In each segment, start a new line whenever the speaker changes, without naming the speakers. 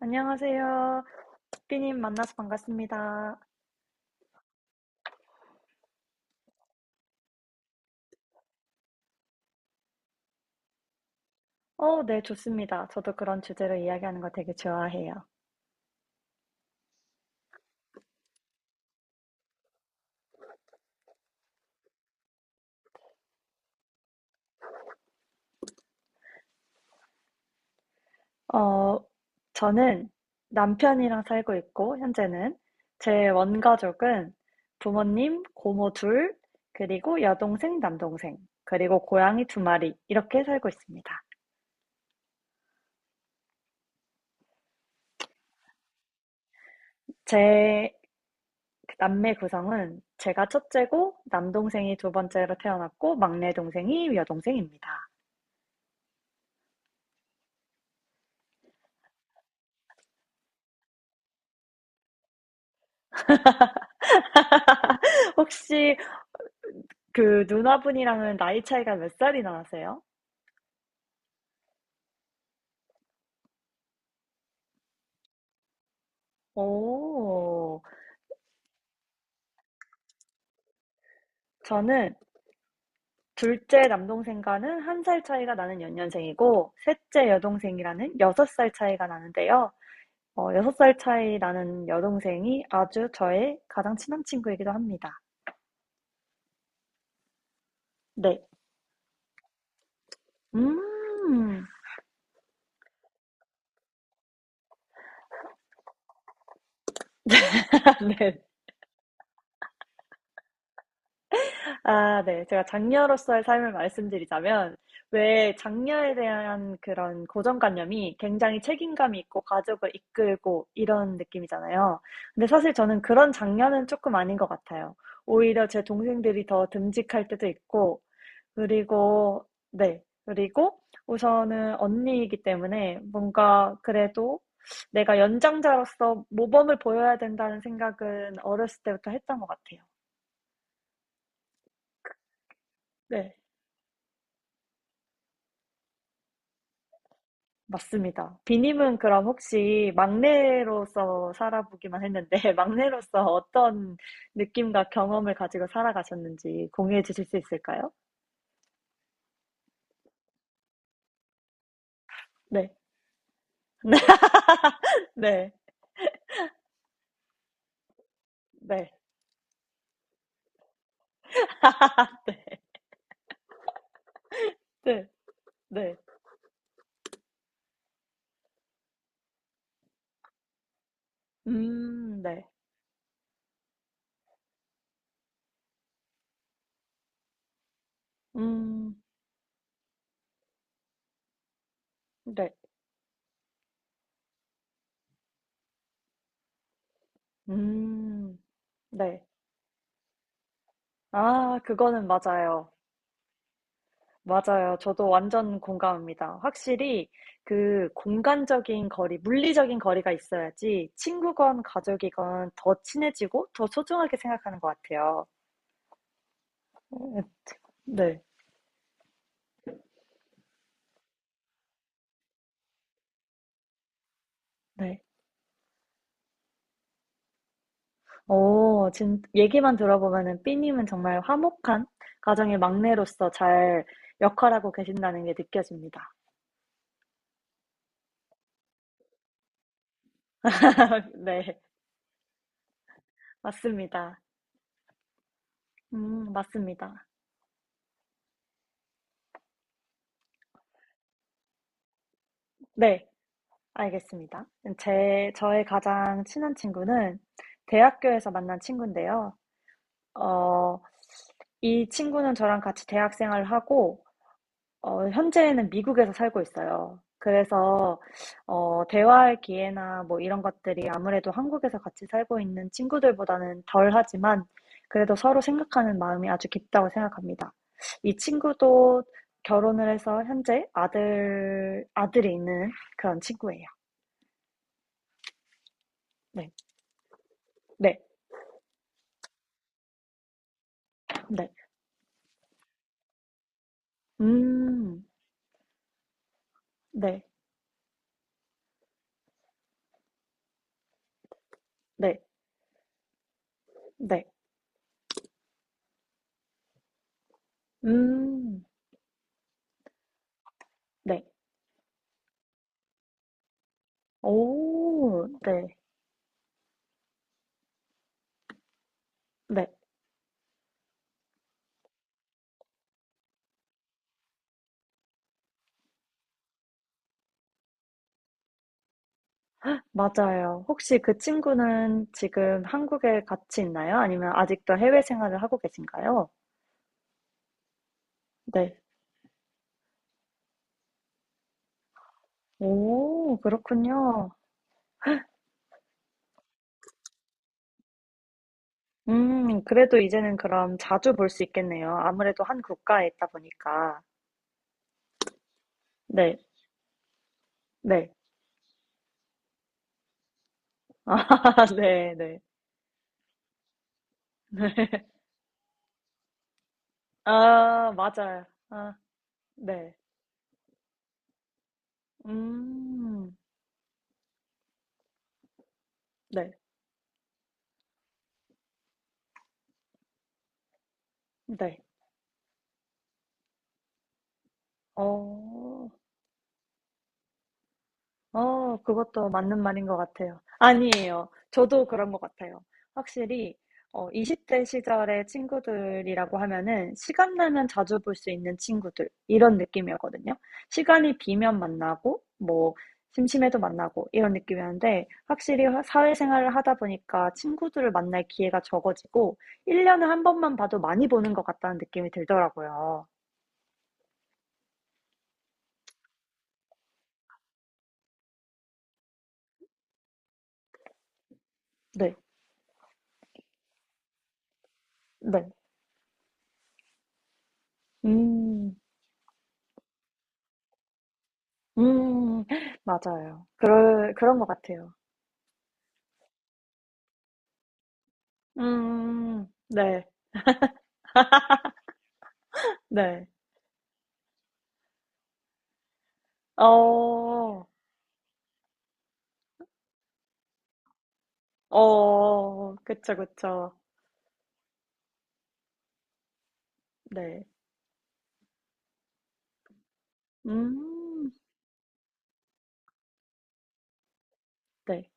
안녕하세요. 삐님 만나서 반갑습니다. 네, 좋습니다. 저도 그런 주제로 이야기하는 거 되게 좋아해요. 어, 저는 남편이랑 살고 있고, 현재는 제 원가족은 부모님, 고모 둘, 그리고 여동생, 남동생, 그리고 고양이 두 마리, 이렇게 살고 있습니다. 제 남매 구성은 제가 첫째고, 남동생이 두 번째로 태어났고, 막내 동생이 여동생입니다. 혹시 그 누나분이랑은 나이 차이가 몇 살이나 나세요? 오, 저는 둘째 남동생과는 한 살 차이가 나는 연년생이고, 셋째 여동생이라는 여섯 살 차이가 나는데요. 여섯 살 차이 나는 여동생이 아주 저의 가장 친한 친구이기도 합니다. 네. 음. 네. 아, 네. 제가 장녀로서의 삶을 말씀드리자면 왜 장녀에 대한 그런 고정관념이 굉장히 책임감이 있고 가족을 이끌고 이런 느낌이잖아요. 근데 사실 저는 그런 장녀는 조금 아닌 것 같아요. 오히려 제 동생들이 더 듬직할 때도 있고 그리고 네. 그리고 우선은 언니이기 때문에 뭔가 그래도 '내가 연장자로서 모범을 보여야 된다.'는 생각은 어렸을 때부터 했던 것 같아요. 네. 맞습니다. 비님은 그럼 혹시 막내로서 살아보기만 했는데, 막내로서 어떤 느낌과 경험을 가지고 살아가셨는지 공유해 주실 수 있을까요? 네. 네. 네. 네. 네. 네. 네. 음, 네. 음, 네. 아, 그거는 맞아요. 맞아요. 저도 완전 공감합니다. 확실히 그 공간적인 거리, 물리적인 거리가 있어야지 친구건 가족이건 더 친해지고 더 소중하게 생각하는 것 같아요. 네, 네. 얘기만 들어보면은 삐님은 정말 화목한 가정의 막내로서 잘 역할하고 계신다는 게 느껴집니다. 네, 맞습니다. 맞습니다. 네. 알겠습니다. 제 저의 가장 친한 친구는 대학교에서 만난 친구인데요. 어 이 친구는 저랑 같이 대학 생활을 하고 현재는 미국에서 살고 있어요. 그래서 대화할 기회나 뭐 이런 것들이 아무래도 한국에서 같이 살고 있는 친구들보다는 덜하지만 그래도 서로 생각하는 마음이 아주 깊다고 생각합니다. 이 친구도 결혼을 해서 현재 아들이 있는 그런 친구예요. 네. 네. 네. 음. 네. 네. 네. 음. 네. 오. 네. 네. 맞아요. 혹시 그 친구는 지금 한국에 같이 있나요? 아니면 아직도 해외 생활을 하고 계신가요? 네. 오, 그렇군요. 그래도 이제는 그럼 자주 볼 수 있겠네요. 아무래도 한 국가에 있다 보니까. 네. 네. 아, 네, 네. 아, 맞아요. 아, 네. 음. 네. 네. 어, 그것도 맞는 말인 것 같아요. 아니에요. 저도 그런 것 같아요. 확실히, 20대 시절의 친구들이라고 하면은, 시간 나면 자주 볼 수 있는 친구들, 이런 느낌이었거든요. 시간이 비면 만나고, 뭐, 심심해도 만나고, 이런 느낌이었는데, 확실히 사회생활을 하다 보니까 친구들을 만날 기회가 적어지고, 1년에 한 번만 봐도 많이 보는 것 같다는 느낌이 들더라고요. 네, 네. 음, 음. 맞아요. 그럴 그런 것 같아요. 음. 네. 네. 어. 어. 그쵸, 그쵸. 네. 음. 네.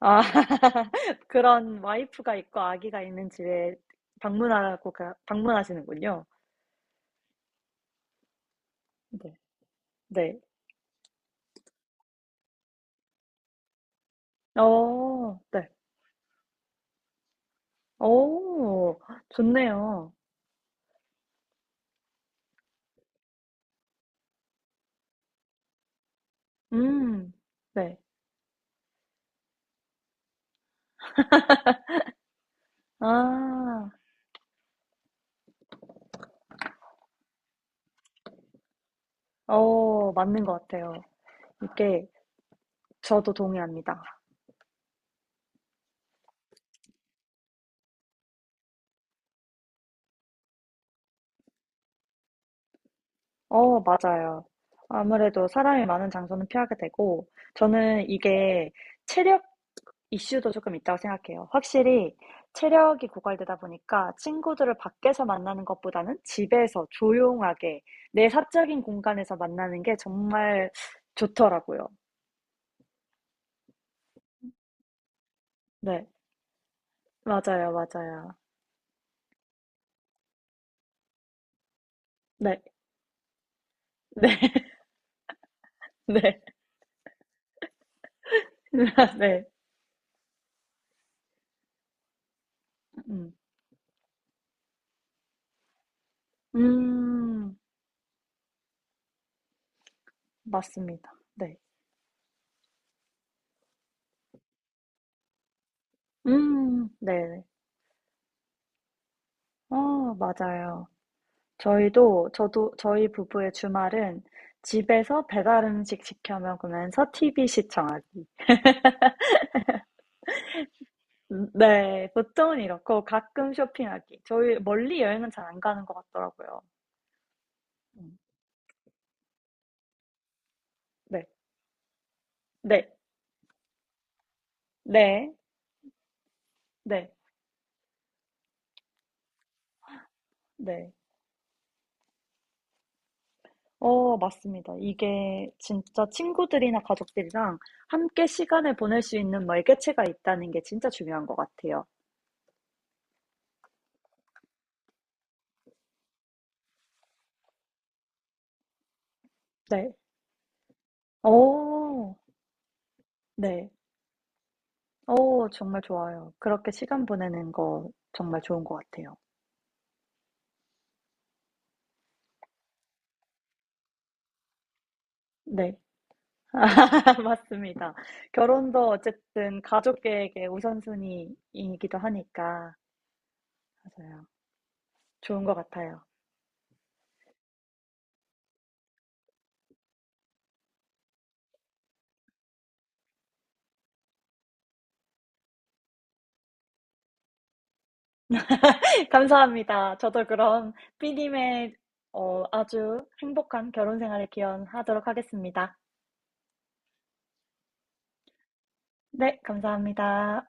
아. 그런 와이프가 있고 아기가 있는 집에 방문하고 가 방문하시는군요. 네. 네. 어. 네. 어. 좋네요. 음. 네. 아. 어. 맞는 것 같아요. 이게 저도 동의합니다. 어, 맞아요. 아무래도 사람이 많은 장소는 피하게 되고, 저는 이게 체력 이슈도 조금 있다고 생각해요. 확실히 체력이 고갈되다 보니까 친구들을 밖에서 만나는 것보다는 집에서 조용하게 내 사적인 공간에서 만나는 게 정말 좋더라고요. 네, 맞아요, 맞아요. 네, 네, 네, 네. 음, 음, 맞습니다. 네, 네. 어, 맞아요. 저희도 저도 저희 부부의 주말은 집에서 배달 음식 시켜 먹으면서 TV 시청하기. 네, 보통은 이렇고 가끔 쇼핑하기. 저희 멀리 여행은 잘 안 가는 것 같더라고요. 음, 네, 네, 네, 네, 네. 맞습니다. 이게 진짜 친구들이나 가족들이랑 함께 시간을 보낼 수 있는 매개체가 있다는 게 진짜 중요한 것 같아요. 네. 오. 네. 정말 좋아요. 그렇게 시간 보내는 거 정말 좋은 것 같아요. 네. 맞습니다. 결혼도 어쨌든 가족 계획의 우선순위이기도 하니까. 맞아요. 좋은 것 같아요. 감사합니다. 저도 그럼 삐님의 아주 행복한 결혼 생활을 기원하도록 하겠습니다. 네, 감사합니다.